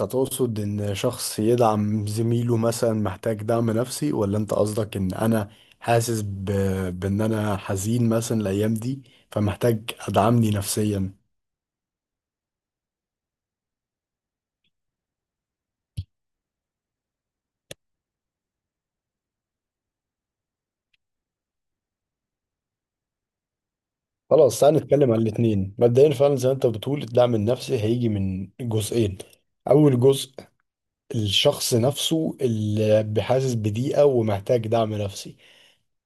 انت تقصد ان شخص يدعم زميله مثلا محتاج دعم نفسي، ولا انت قصدك ان انا حاسس بان انا حزين مثلا الايام دي، فمحتاج ادعمني نفسيا. خلاص تعال نتكلم عن الاتنين. مبدئيا فعلا زي ما انت بتقول الدعم النفسي هيجي من جزئين. اول جزء الشخص نفسه اللي بحاسس بضيقة ومحتاج دعم نفسي،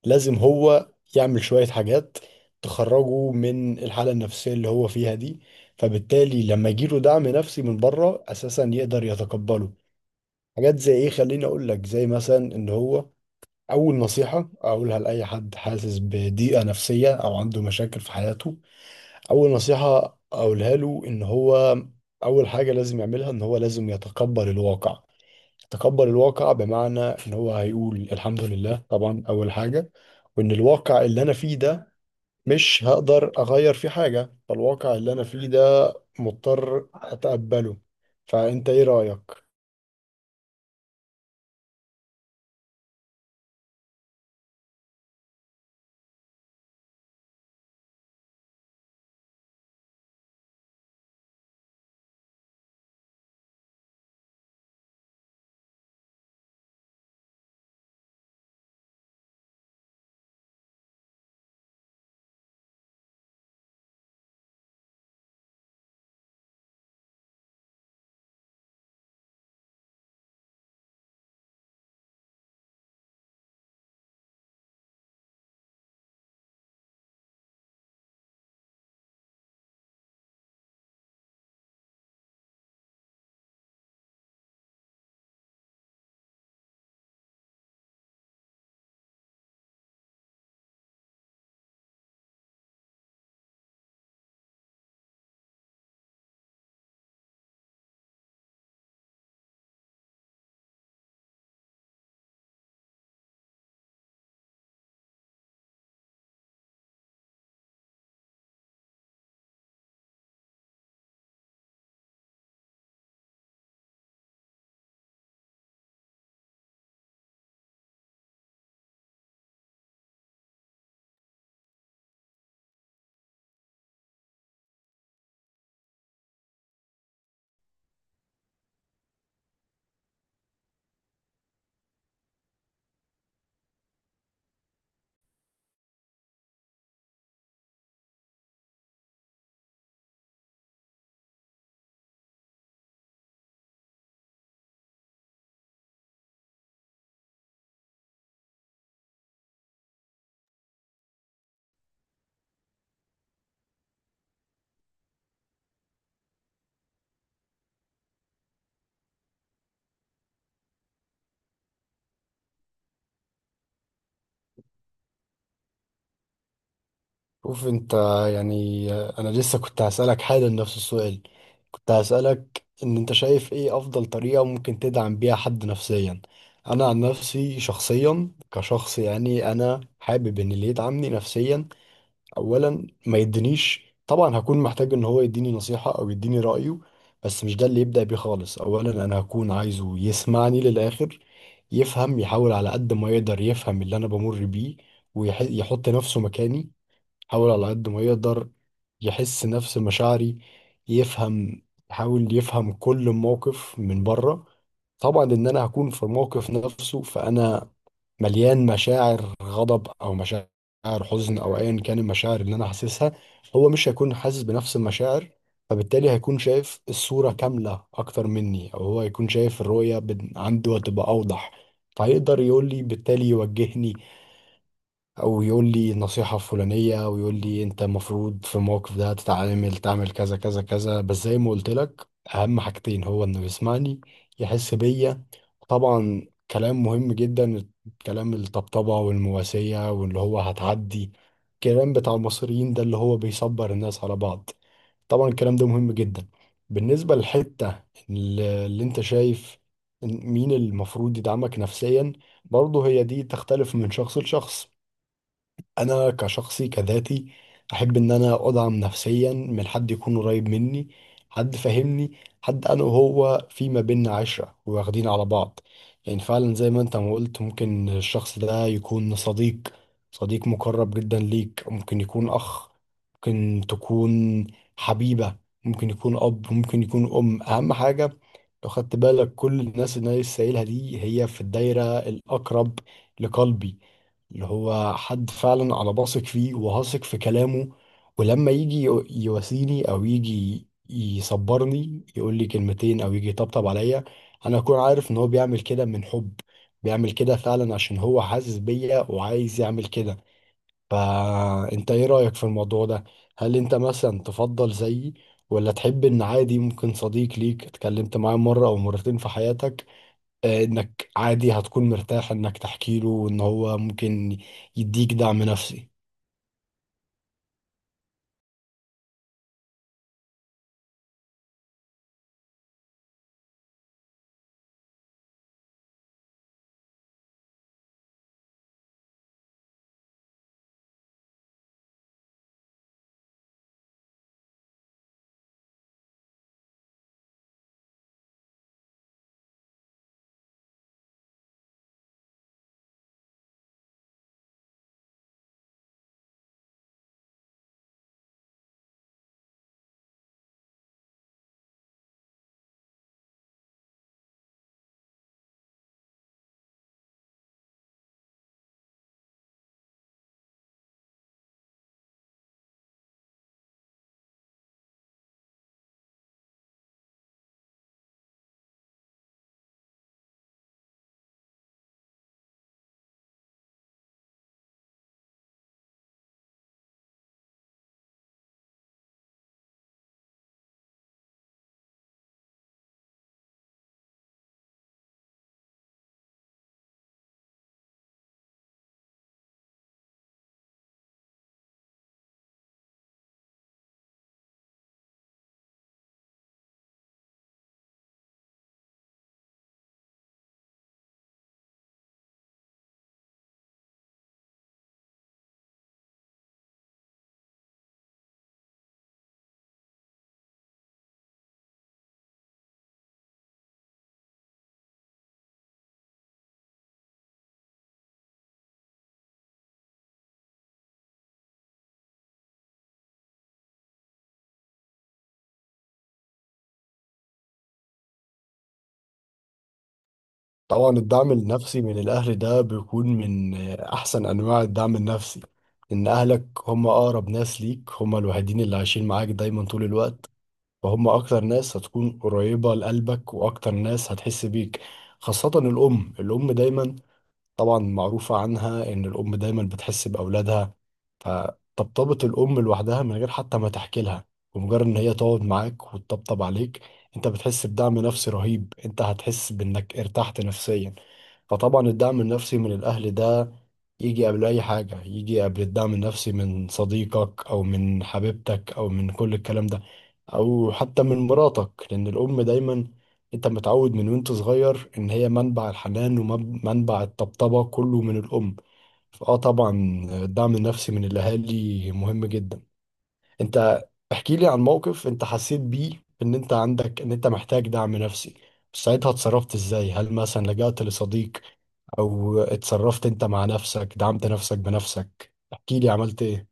لازم هو يعمل شوية حاجات تخرجه من الحالة النفسية اللي هو فيها دي، فبالتالي لما يجيله دعم نفسي من بره أساسا يقدر يتقبله. حاجات زي إيه؟ خليني أقول لك زي مثلا إن هو، أول نصيحة أقولها لأي حد حاسس بضيقة نفسية أو عنده مشاكل في حياته، أول نصيحة أقولها له إن هو أول حاجة لازم يعملها إن هو لازم يتقبل الواقع. تقبل الواقع بمعنى ان هو هيقول الحمد لله طبعا اول حاجة، وان الواقع اللي انا فيه ده مش هقدر اغير فيه حاجة، فالواقع اللي انا فيه ده مضطر اتقبله. فانت ايه رأيك؟ شوف انت، يعني انا لسه كنت هسألك حالا نفس السؤال. كنت هسألك ان انت شايف ايه افضل طريقة ممكن تدعم بيها حد نفسيا. انا عن نفسي شخصيا كشخص، يعني انا حابب ان اللي يدعمني نفسيا اولا ما يدينيش، طبعا هكون محتاج ان هو يديني نصيحة او يديني رأيه، بس مش ده اللي يبدأ بيه خالص. اولا انا هكون عايزه يسمعني للآخر، يفهم، يحاول على قد ما يقدر يفهم اللي انا بمر بيه، ويحط نفسه مكاني، يحاول على قد ما يقدر يحس نفس مشاعري، يفهم، يحاول يفهم كل موقف من بره. طبعا ان انا هكون في الموقف نفسه، فانا مليان مشاعر غضب او مشاعر حزن او ايا كان المشاعر اللي انا حاسسها، هو مش هيكون حاسس بنفس المشاعر، فبالتالي هيكون شايف الصورة كاملة اكتر مني، او هو هيكون شايف الرؤية عنده هتبقى اوضح، فهيقدر يقول لي بالتالي، يوجهني او يقول لي النصيحة الفلانية ويقول لي انت المفروض في الموقف ده تتعامل تعمل كذا كذا كذا. بس زي ما قلت لك، اهم حاجتين هو انه يسمعني، يحس بيا. طبعا كلام مهم جدا، كلام الطبطبة والمواسية واللي هو هتعدي، الكلام بتاع المصريين ده اللي هو بيصبر الناس على بعض، طبعا الكلام ده مهم جدا. بالنسبة للحتة اللي انت شايف مين المفروض يدعمك نفسيا، برضه هي دي تختلف من شخص لشخص. انا كشخصي كذاتي احب ان انا ادعم نفسيا من حد يكون قريب مني، حد فاهمني، حد انا وهو في ما بيننا عشرة واخدين على بعض. يعني فعلا زي ما انت ما قلت ممكن الشخص ده يكون صديق، صديق مقرب جدا ليك، ممكن يكون اخ، ممكن تكون حبيبة، ممكن يكون اب، ممكن يكون ام. اهم حاجة لو خدت بالك كل الناس اللي انا لسه قايلها دي هي في الدايرة الاقرب لقلبي، اللي هو حد فعلا انا بثق فيه وهثق في كلامه. ولما يجي يواسيني او يجي يصبرني يقول لي كلمتين او يجي يطبطب عليا، انا اكون عارف ان هو بيعمل كده من حب، بيعمل كده فعلا عشان هو حاسس بيا وعايز يعمل كده. فانت ايه رأيك في الموضوع ده؟ هل انت مثلا تفضل زيي، ولا تحب ان عادي ممكن صديق ليك اتكلمت معاه مرة او مرتين في حياتك، انك عادي هتكون مرتاح انك تحكي له وان هو ممكن يديك دعم نفسي. طبعا الدعم النفسي من الاهل ده بيكون من احسن انواع الدعم النفسي، ان اهلك هم اقرب ناس ليك، هم الوحيدين اللي عايشين معاك دايما طول الوقت، فهم اكتر ناس هتكون قريبة لقلبك واكتر ناس هتحس بيك. خاصة الام، الام دايما طبعا معروفة عنها ان الام دايما بتحس باولادها. فطبطبة الأم لوحدها من غير حتى ما تحكي لها، ومجرد إن هي تقعد معاك وتطبطب عليك، أنت بتحس بدعم نفسي رهيب، أنت هتحس بإنك ارتحت نفسيا. فطبعا الدعم النفسي من الأهل ده يجي قبل أي حاجة، يجي قبل الدعم النفسي من صديقك أو من حبيبتك أو من كل الكلام ده، أو حتى من مراتك، لأن الأم دايما أنت متعود من وأنت صغير إن هي منبع الحنان، ومنبع الطبطبة كله من الأم. اه طبعا الدعم النفسي من الاهالي مهم جدا. انت احكي لي عن موقف انت حسيت بيه ان انت عندك ان انت محتاج دعم نفسي، ساعتها اتصرفت ازاي؟ هل مثلا لجأت لصديق او اتصرفت انت مع نفسك دعمت نفسك بنفسك؟ احكي لي عملت ايه.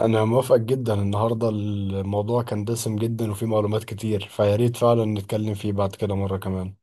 انا موافقك جدا، النهارده الموضوع كان دسم جدا وفيه معلومات كتير، فياريت فعلا نتكلم فيه بعد كده مرة كمان.